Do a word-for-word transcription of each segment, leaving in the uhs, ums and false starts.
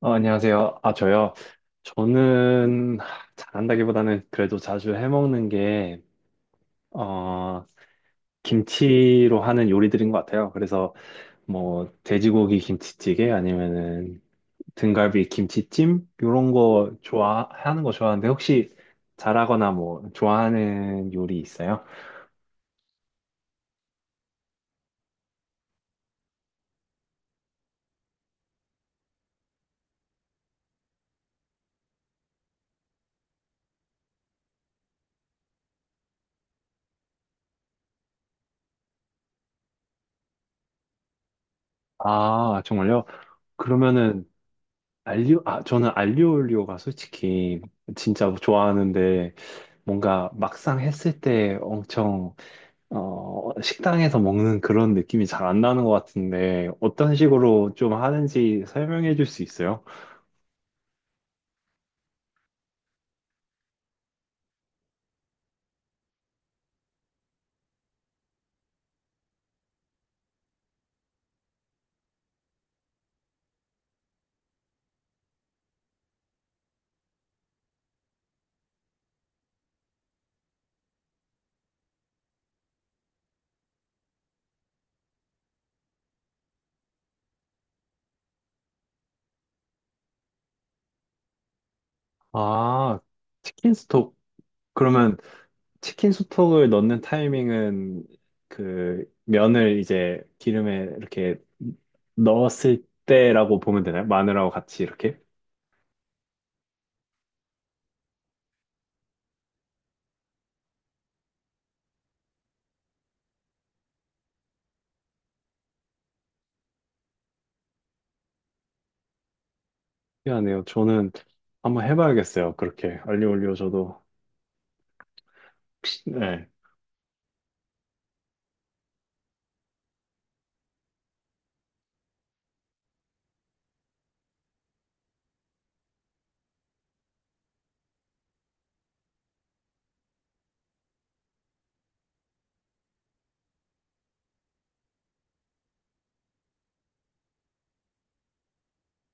어, 안녕하세요. 아, 저요. 저는 하, 잘한다기보다는 그래도 자주 해먹는 게, 어, 김치로 하는 요리들인 것 같아요. 그래서 뭐, 돼지고기 김치찌개 아니면은 등갈비 김치찜? 요런 거 좋아하는 거 좋아하는데 혹시 잘하거나 뭐, 좋아하는 요리 있어요? 아, 정말요? 그러면은 알리오, 아, 저는 알리올리오가 솔직히 진짜 좋아하는데 뭔가 막상 했을 때 엄청 어, 식당에서 먹는 그런 느낌이 잘 안 나는 것 같은데, 어떤 식으로 좀 하는지 설명해 줄 수 있어요? 아, 치킨 스톡. 그러면 치킨 스톡을 넣는 타이밍은 그 면을 이제 기름에 이렇게 넣었을 때라고 보면 되나요? 마늘하고 같이 이렇게? 미안해요. 저는 한번 해봐야겠어요. 그렇게. 알리오 올리오 저도. 혹시- 네.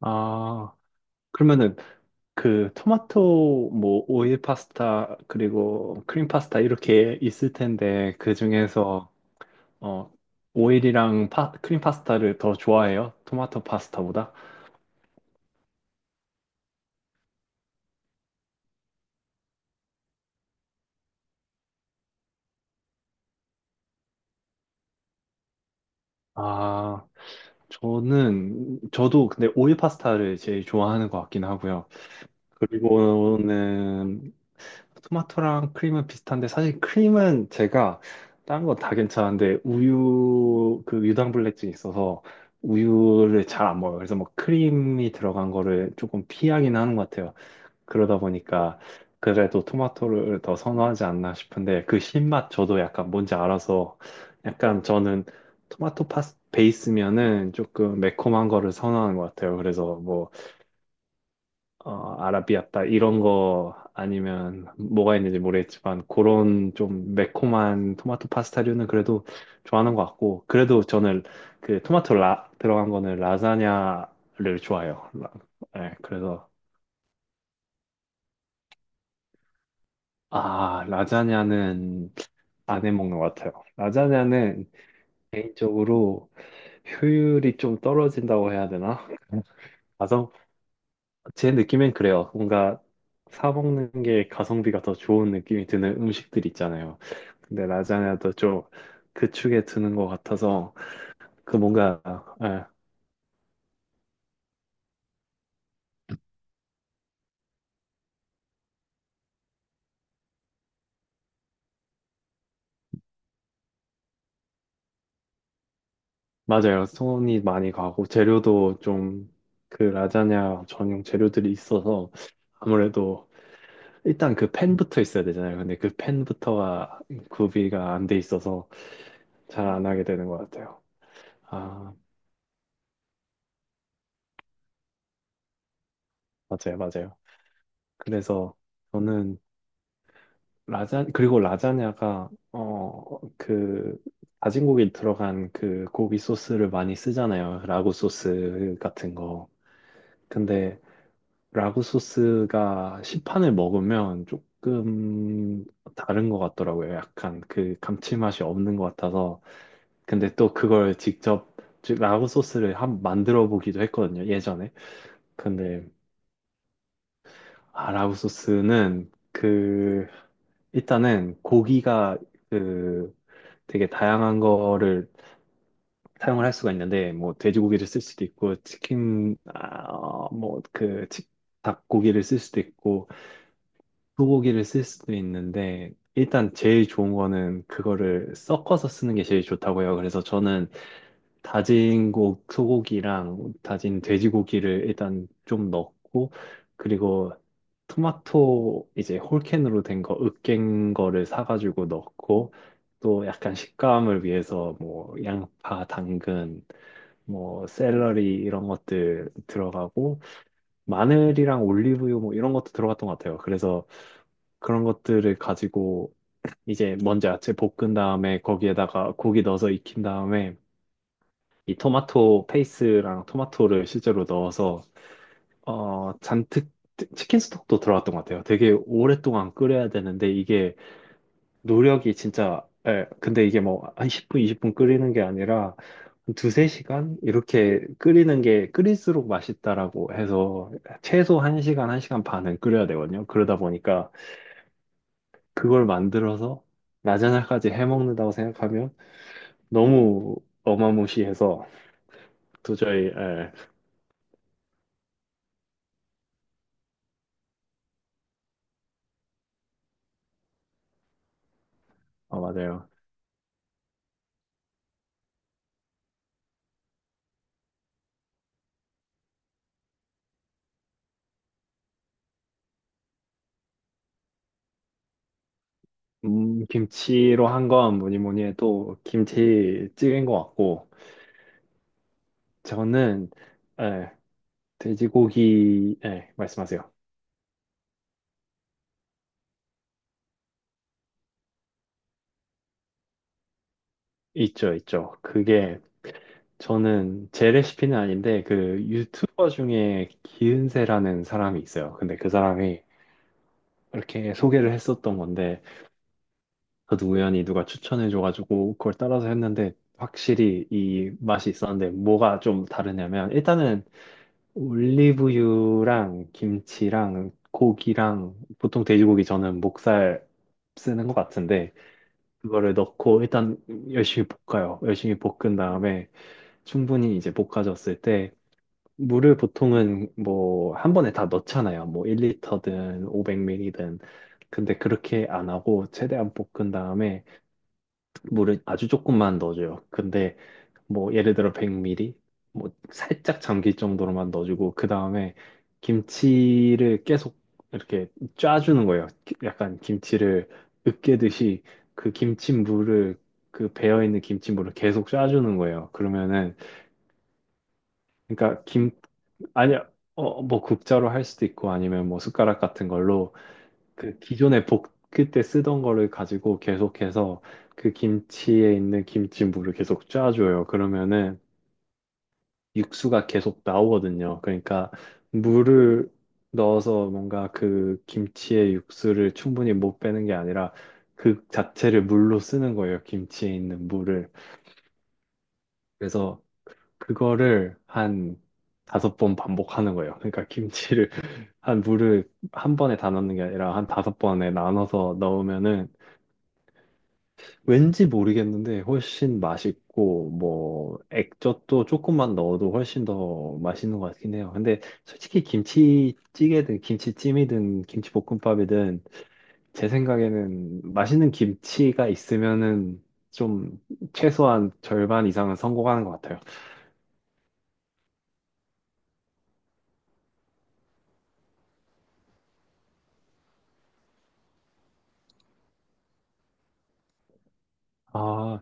아, 그러면은 그 토마토 뭐 오일 파스타 그리고 크림 파스타 이렇게 있을 텐데 그 중에서 어 오일이랑 파, 크림 파스타를 더 좋아해요? 토마토 파스타보다? 아, 저는 저도 근데 오일 파스타를 제일 좋아하는 것 같긴 하고요. 그리고는 토마토랑 크림은 비슷한데 사실 크림은 제가 딴 건 다 괜찮은데 우유 그 유당불내증이 있어서 우유를 잘 안 먹어요. 그래서 뭐 크림이 들어간 거를 조금 피하긴 하는 것 같아요. 그러다 보니까 그래도 토마토를 더 선호하지 않나 싶은데 그 신맛 저도 약간 뭔지 알아서 약간 저는 토마토 파스 베이스면은 조금 매콤한 거를 선호하는 것 같아요. 그래서 뭐 어, 아라비아따 이런 거 아니면 뭐가 있는지 모르겠지만 그런 좀 매콤한 토마토 파스타류는 그래도 좋아하는 것 같고 그래도 저는 그 토마토 라, 들어간 거는 라자냐를 좋아해요. 라, 네, 그래서 아, 라자냐는 안 해 먹는 것 같아요. 라자냐는 개인적으로 효율이 좀 떨어진다고 해야 되나? 가성 제 느낌엔 그래요. 뭔가 사 먹는 게 가성비가 더 좋은 느낌이 드는 음식들 있잖아요. 근데 라자냐도 좀 그 축에 드는 것 같아서 그 뭔가 예, 맞아요. 손이 많이 가고 재료도 좀 그 라자냐 전용 재료들이 있어서 아무래도 일단 그 팬부터 있어야 되잖아요. 근데 그 팬부터가 구비가 안 돼 있어서 잘 안 하게 되는 것 같아요. 아, 맞아요, 맞아요. 그래서 저는 라자 그리고 라자냐가 어 그 다진 고기 들어간 그 고기 소스를 많이 쓰잖아요. 라구 소스 같은 거. 근데 라구 소스가 시판을 먹으면 조금 다른 것 같더라고요. 약간 그 감칠맛이 없는 것 같아서. 근데 또 그걸 직접 즉 라구 소스를 한 만들어 보기도 했거든요. 예전에. 근데 아, 라구 소스는 그 일단은 고기가 그 되게 다양한 거를 사용을 할 수가 있는데 뭐 돼지고기를 쓸 수도 있고 치킨 아, 뭐그 닭고기를 쓸 수도 있고 소고기를 쓸 수도 있는데 일단 제일 좋은 거는 그거를 섞어서 쓰는 게 제일 좋다고요. 그래서 저는 다진 고 소고기랑 다진 돼지고기를 일단 좀 넣고 그리고 토마토 이제 홀캔으로 된 거 으깬 거를 사가지고 넣고 또 약간 식감을 위해서 뭐 양파, 당근, 뭐 샐러리 이런 것들 들어가고 마늘이랑 올리브유 뭐 이런 것도 들어갔던 것 같아요. 그래서 그런 것들을 가지고 이제 먼저 야채 볶은 다음에 거기에다가 고기 넣어서 익힌 다음에 이 토마토 페이스랑 토마토를 실제로 넣어서 어 잔뜩 치- 킨 스톡도 들어갔던 것 같아요. 되게 오랫동안 끓여야 되는데 이게 노력이 진짜 예, 근데 이게 뭐 한 십 분, 이십 분 끓이는 게 아니라 한 두세 시간 이렇게 끓이는 게 끓일수록 맛있다라고 해서 최소 한시간한시간 반은 끓여야 되거든요. 그러다 보니까 그걸 만들어서 라자냐까지 해먹는다고 생각하면 너무 어마무시해서 도저히 예, 어, 맞아요. 음, 김치로 한 건 뭐니 뭐니 해도 김치찌개인 것 같고, 저는, 예, 돼지고기, 예, 말씀하세요. 있죠, 있죠. 그게, 저는 제 레시피는 아닌데, 그 유튜버 중에 기은세라는 사람이 있어요. 근데 그 사람이 이렇게 소개를 했었던 건데, 저도 우연히 누가 추천해줘가지고, 그걸 따라서 했는데, 확실히 이 맛이 있었는데, 뭐가 좀 다르냐면, 일단은 올리브유랑 김치랑 고기랑 보통 돼지고기 저는 목살 쓰는 것 같은데 그거를 넣고 일단 열심히 볶아요. 열심히 볶은 다음에 충분히 이제 볶아졌을 때 물을 보통은 뭐 한 번에 다 넣잖아요. 뭐 일 리터든 오백 밀리리터든. 근데 그렇게 안 하고 최대한 볶은 다음에 물을 아주 조금만 넣어줘요. 근데 뭐 예를 들어 백 밀리리터 뭐 살짝 잠길 정도로만 넣어주고 그 다음에 김치를 계속 이렇게 짜주는 거예요. 기- 약간 김치를 으깨듯이 그 김치물을 그 배어 있는 김치물을 계속 짜주는 거예요. 그러면은 그러니까 김 아니 어뭐 국자로 할 수도 있고 아니면 뭐 숟가락 같은 걸로 그 기존에 볶을 때 쓰던 거를 가지고 계속해서 그 김치에 있는 김치물을 계속 짜줘요. 그러면은 육수가 계속 나오거든요. 그러니까 물을 넣어서 뭔가 그 김치의 육수를 충분히 못 빼는 게 아니라 그 자체를 물로 쓰는 거예요. 김치에 있는 물을. 그래서 그거를 한 다섯 번 반복하는 거예요. 그러니까 김치를 한 물을 한 번에 다 넣는 게 아니라 한 다섯 번에 나눠서 넣으면은 왠지 모르겠는데 훨씬 맛있고 뭐 액젓도 조금만 넣어도 훨씬 더 맛있는 것 같긴 해요. 근데 솔직히 김치찌개든 김치찜이든 김치볶음밥이든 제 생각에는 맛있는 김치가 있으면은 좀 최소한 절반 이상은 성공하는 것 같아요. 아,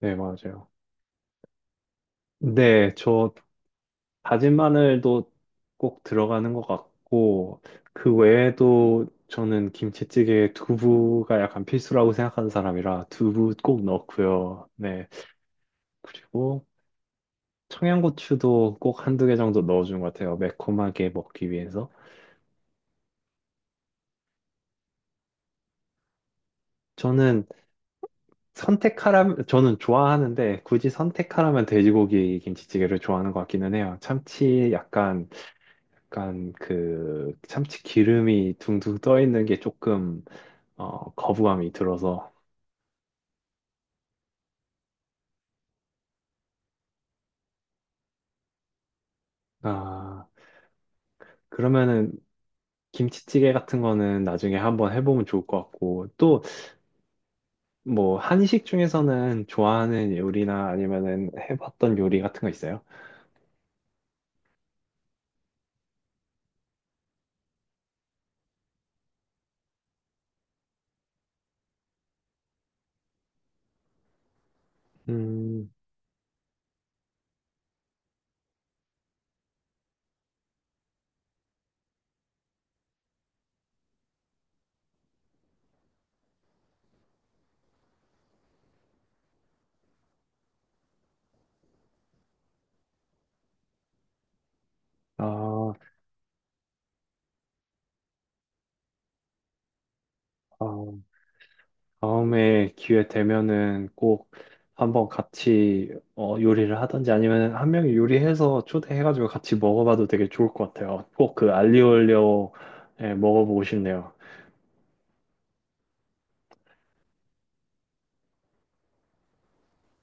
네, 맞아요. 네, 저 다진 마늘도 꼭 들어가는 것 같고, 그 외에도 저는 김치찌개에 두부가 약간 필수라고 생각하는 사람이라 두부 꼭 넣고요. 네. 그리고 청양고추도 꼭 한두 개 정도 넣어준 것 같아요. 매콤하게 먹기 위해서. 저는 선택하라면, 저는 좋아하는데 굳이 선택하라면 돼지고기 김치찌개를 좋아하는 것 같기는 해요. 참치 약간, 약간 그 참치 기름이 둥둥 떠 있는 게 조금 어, 거부감이 들어서. 아, 그러면은 김치찌개 같은 거는 나중에 한번 해보면 좋을 것 같고, 또 뭐 한식 중에서는 좋아하는 요리나 아니면은 해봤던 요리 같은 거 있어요? 음, 아, 어, 다음에 기회 되면은 꼭 한번 같이 어, 요리를 하든지 아니면 한 명이 요리해서 초대해가지고 같이 먹어봐도 되게 좋을 것 같아요. 꼭 그 알리올리오에 먹어보고 싶네요.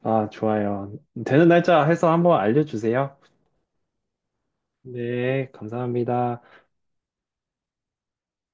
아, 좋아요. 되는 날짜 해서 한번 알려주세요. 네, 감사합니다.